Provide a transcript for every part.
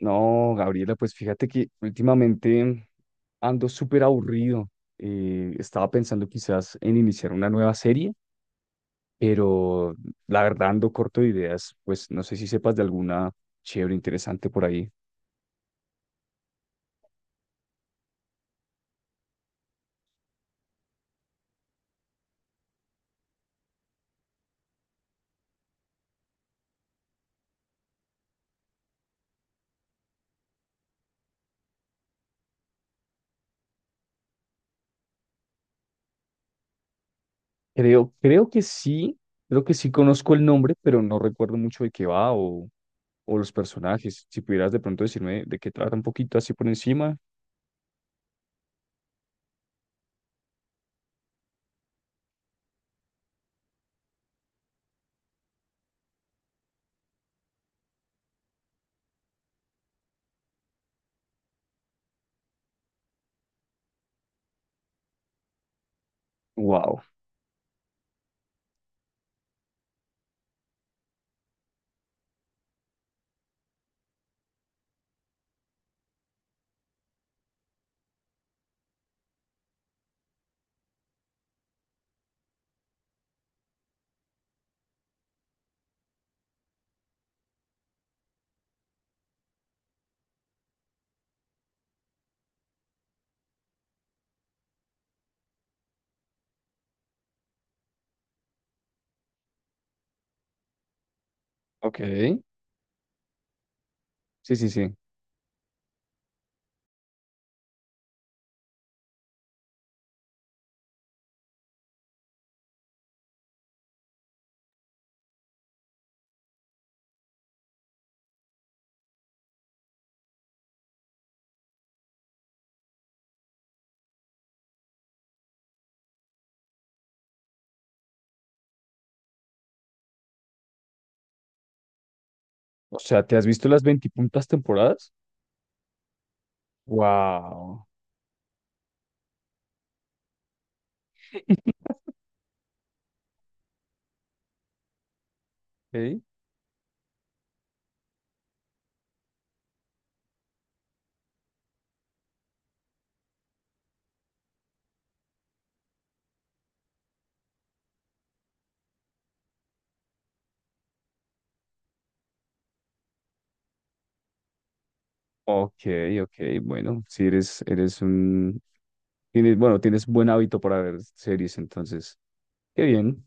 No, Gabriela, pues fíjate que últimamente ando súper aburrido. Estaba pensando quizás en iniciar una nueva serie, pero la verdad ando corto de ideas. Pues no sé si sepas de alguna chévere, interesante por ahí. Creo que sí, creo que sí conozco el nombre, pero no recuerdo mucho de qué va o los personajes. Si pudieras de pronto decirme de qué trata un poquito así por encima. Wow. Ok. Sí, sí, sí. O sea, ¿te has visto las veintipuntas temporadas? Wow. Ok, ok, ok, bueno, si eres, eres un, tienes, bueno, tienes buen hábito para ver series, entonces, qué bien.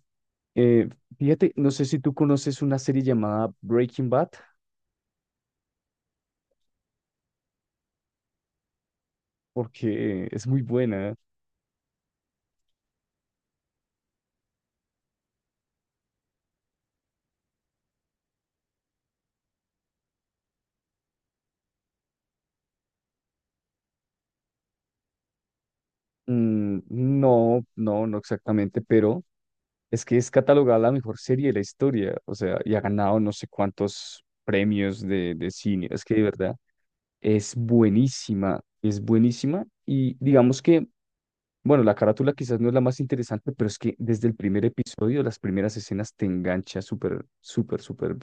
Eh, Fíjate, no sé si tú conoces una serie llamada Breaking Bad, porque es muy buena. No, no, no exactamente, pero es que es catalogada la mejor serie de la historia, o sea, y ha ganado no sé cuántos premios de cine, es que de verdad es buenísima, y digamos que bueno, la carátula quizás no es la más interesante, pero es que desde el primer episodio, las primeras escenas te engancha súper, súper, súper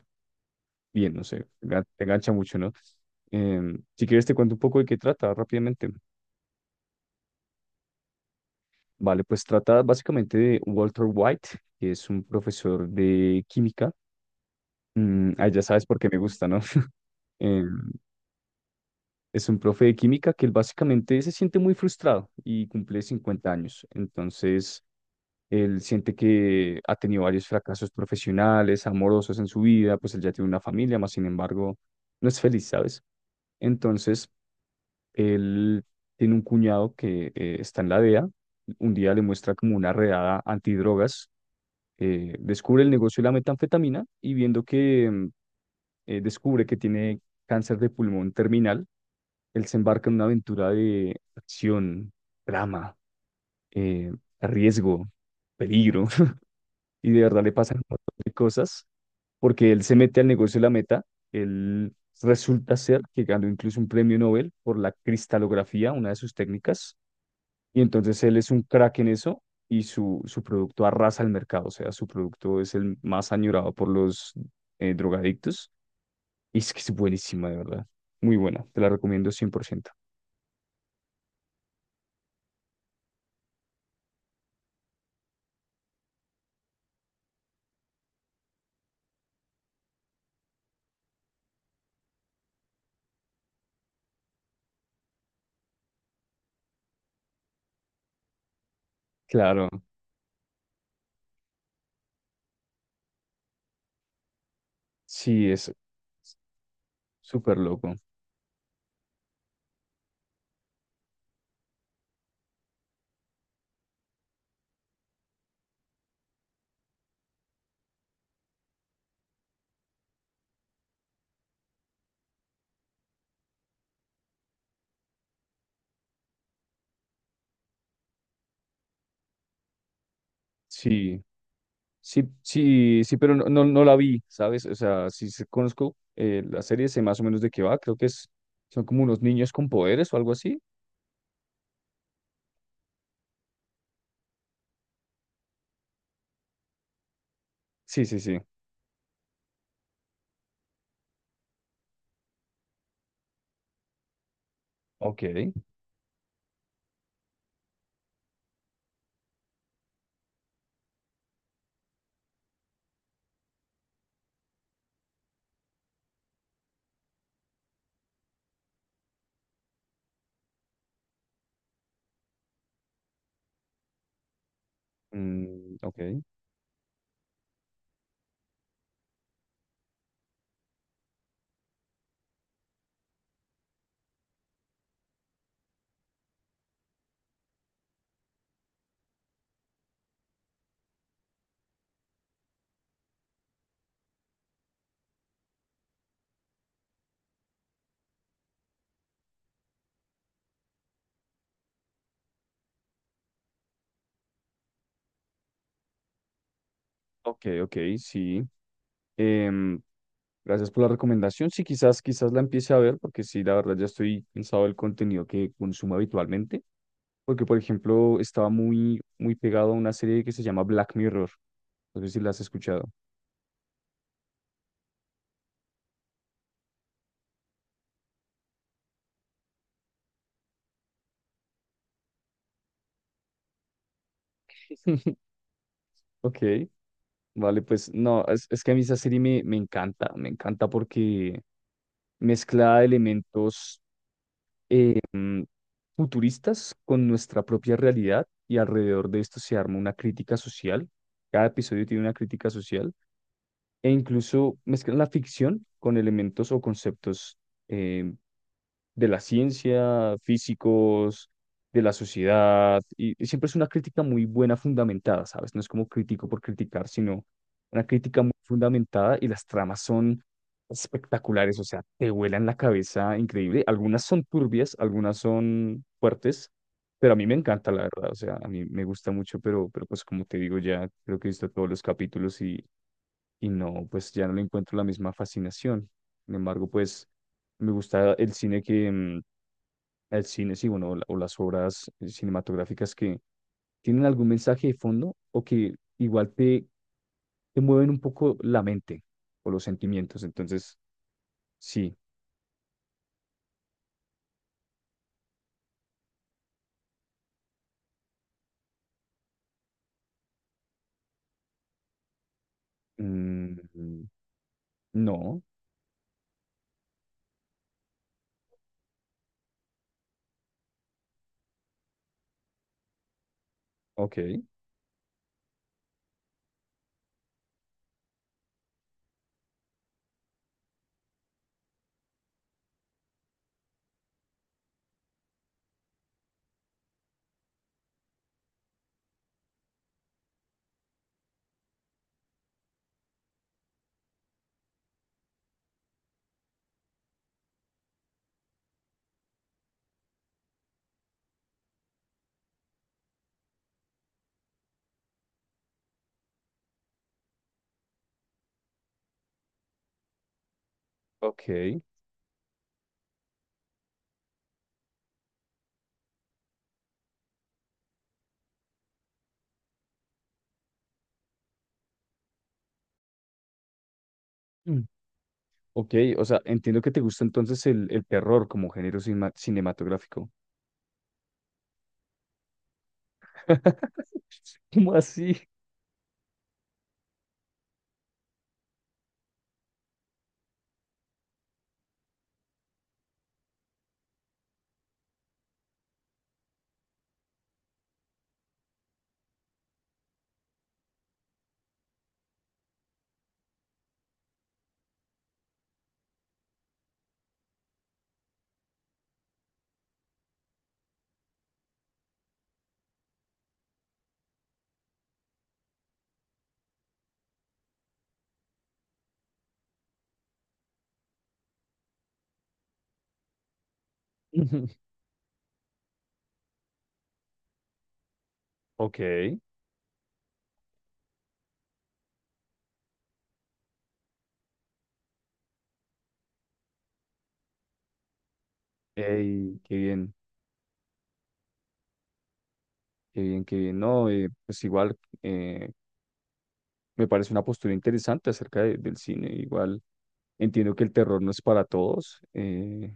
bien, no sé, te engancha mucho, ¿no? Si quieres te cuento un poco de qué trata rápidamente. Vale, pues trata básicamente de Walter White, que es un profesor de química. Ya sabes por qué me gusta, ¿no? Em, es un profe de química que él básicamente se siente muy frustrado y cumple 50 años. Entonces él siente que ha tenido varios fracasos profesionales, amorosos en su vida, pues él ya tiene una familia, más sin embargo, no es feliz, ¿sabes? Entonces, él tiene un cuñado que está en la DEA, un día le muestra como una redada antidrogas, descubre el negocio de la metanfetamina y viendo que descubre que tiene cáncer de pulmón terminal, él se embarca en una aventura de acción, drama, eh, riesgo, peligro, y de verdad le pasan un montón de cosas porque él se mete al negocio de la meta. Él resulta ser que ganó incluso un premio Nobel por la cristalografía, una de sus técnicas, y entonces él es un crack en eso y su producto arrasa el mercado, o sea, su producto es el más añorado por los drogadictos y es que es buenísima, de verdad, muy buena, te la recomiendo cien por ciento. Claro, sí, es súper loco, sí. Sí, sí, sí, pero no, no, no la vi, ¿sabes? O sea, sí conozco la serie, sé más o menos de qué va, creo que es, son como unos niños con poderes o algo así. Sí, sí, sí. Ok. Mm, ok, ok, ok, sí. Em, Gracias por la recomendación. Sí, quizás, quizás la empiece a ver, porque sí, la verdad ya estoy cansado del contenido que consumo habitualmente. Porque, por ejemplo, estaba muy, muy pegado a una serie que se llama Black Mirror. No sé si la has escuchado. Ok. Vale, pues no, es que a mí esa serie me, me encanta porque mezcla elementos futuristas con nuestra propia realidad y alrededor de esto se arma una crítica social. Cada episodio tiene una crítica social e incluso mezclan la ficción con elementos o conceptos eh, de la ciencia, físicos, de la sociedad, y siempre es una crítica muy buena, fundamentada, ¿sabes? No es como crítico por criticar, sino una crítica muy fundamentada y las tramas son espectaculares, o sea, te vuelan la cabeza increíble. Algunas son turbias, algunas son fuertes, pero a mí me encanta, la verdad, o sea, a mí me gusta mucho, pero pues como te digo, ya creo que he visto todos los capítulos y no, pues ya no le encuentro la misma fascinación. Sin embargo, pues me gusta el cine que, el cine, sí, bueno, o las obras cinematográficas que tienen algún mensaje de fondo o que igual te, te mueven un poco la mente o los sentimientos. Entonces, sí, mm, no, ok, ok. Mm, ok, o sea, entiendo que te gusta entonces el terror como género cinematográfico. ¿Cómo así? Ok, ey, qué bien, qué bien, qué bien. No, pues igual eh, me parece una postura interesante acerca del cine. Igual entiendo que el terror no es para todos.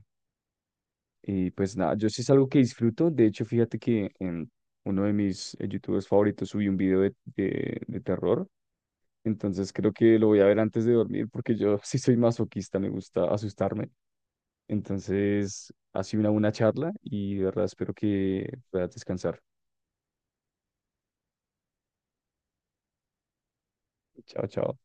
Y pues nada, yo sí es algo que disfruto. De hecho, fíjate que en uno de mis youtubers favoritos subí un video de terror. Entonces creo que lo voy a ver antes de dormir porque yo sí soy masoquista, me gusta asustarme. Entonces, ha sido una buena charla y de verdad espero que puedas descansar. Chao, chao.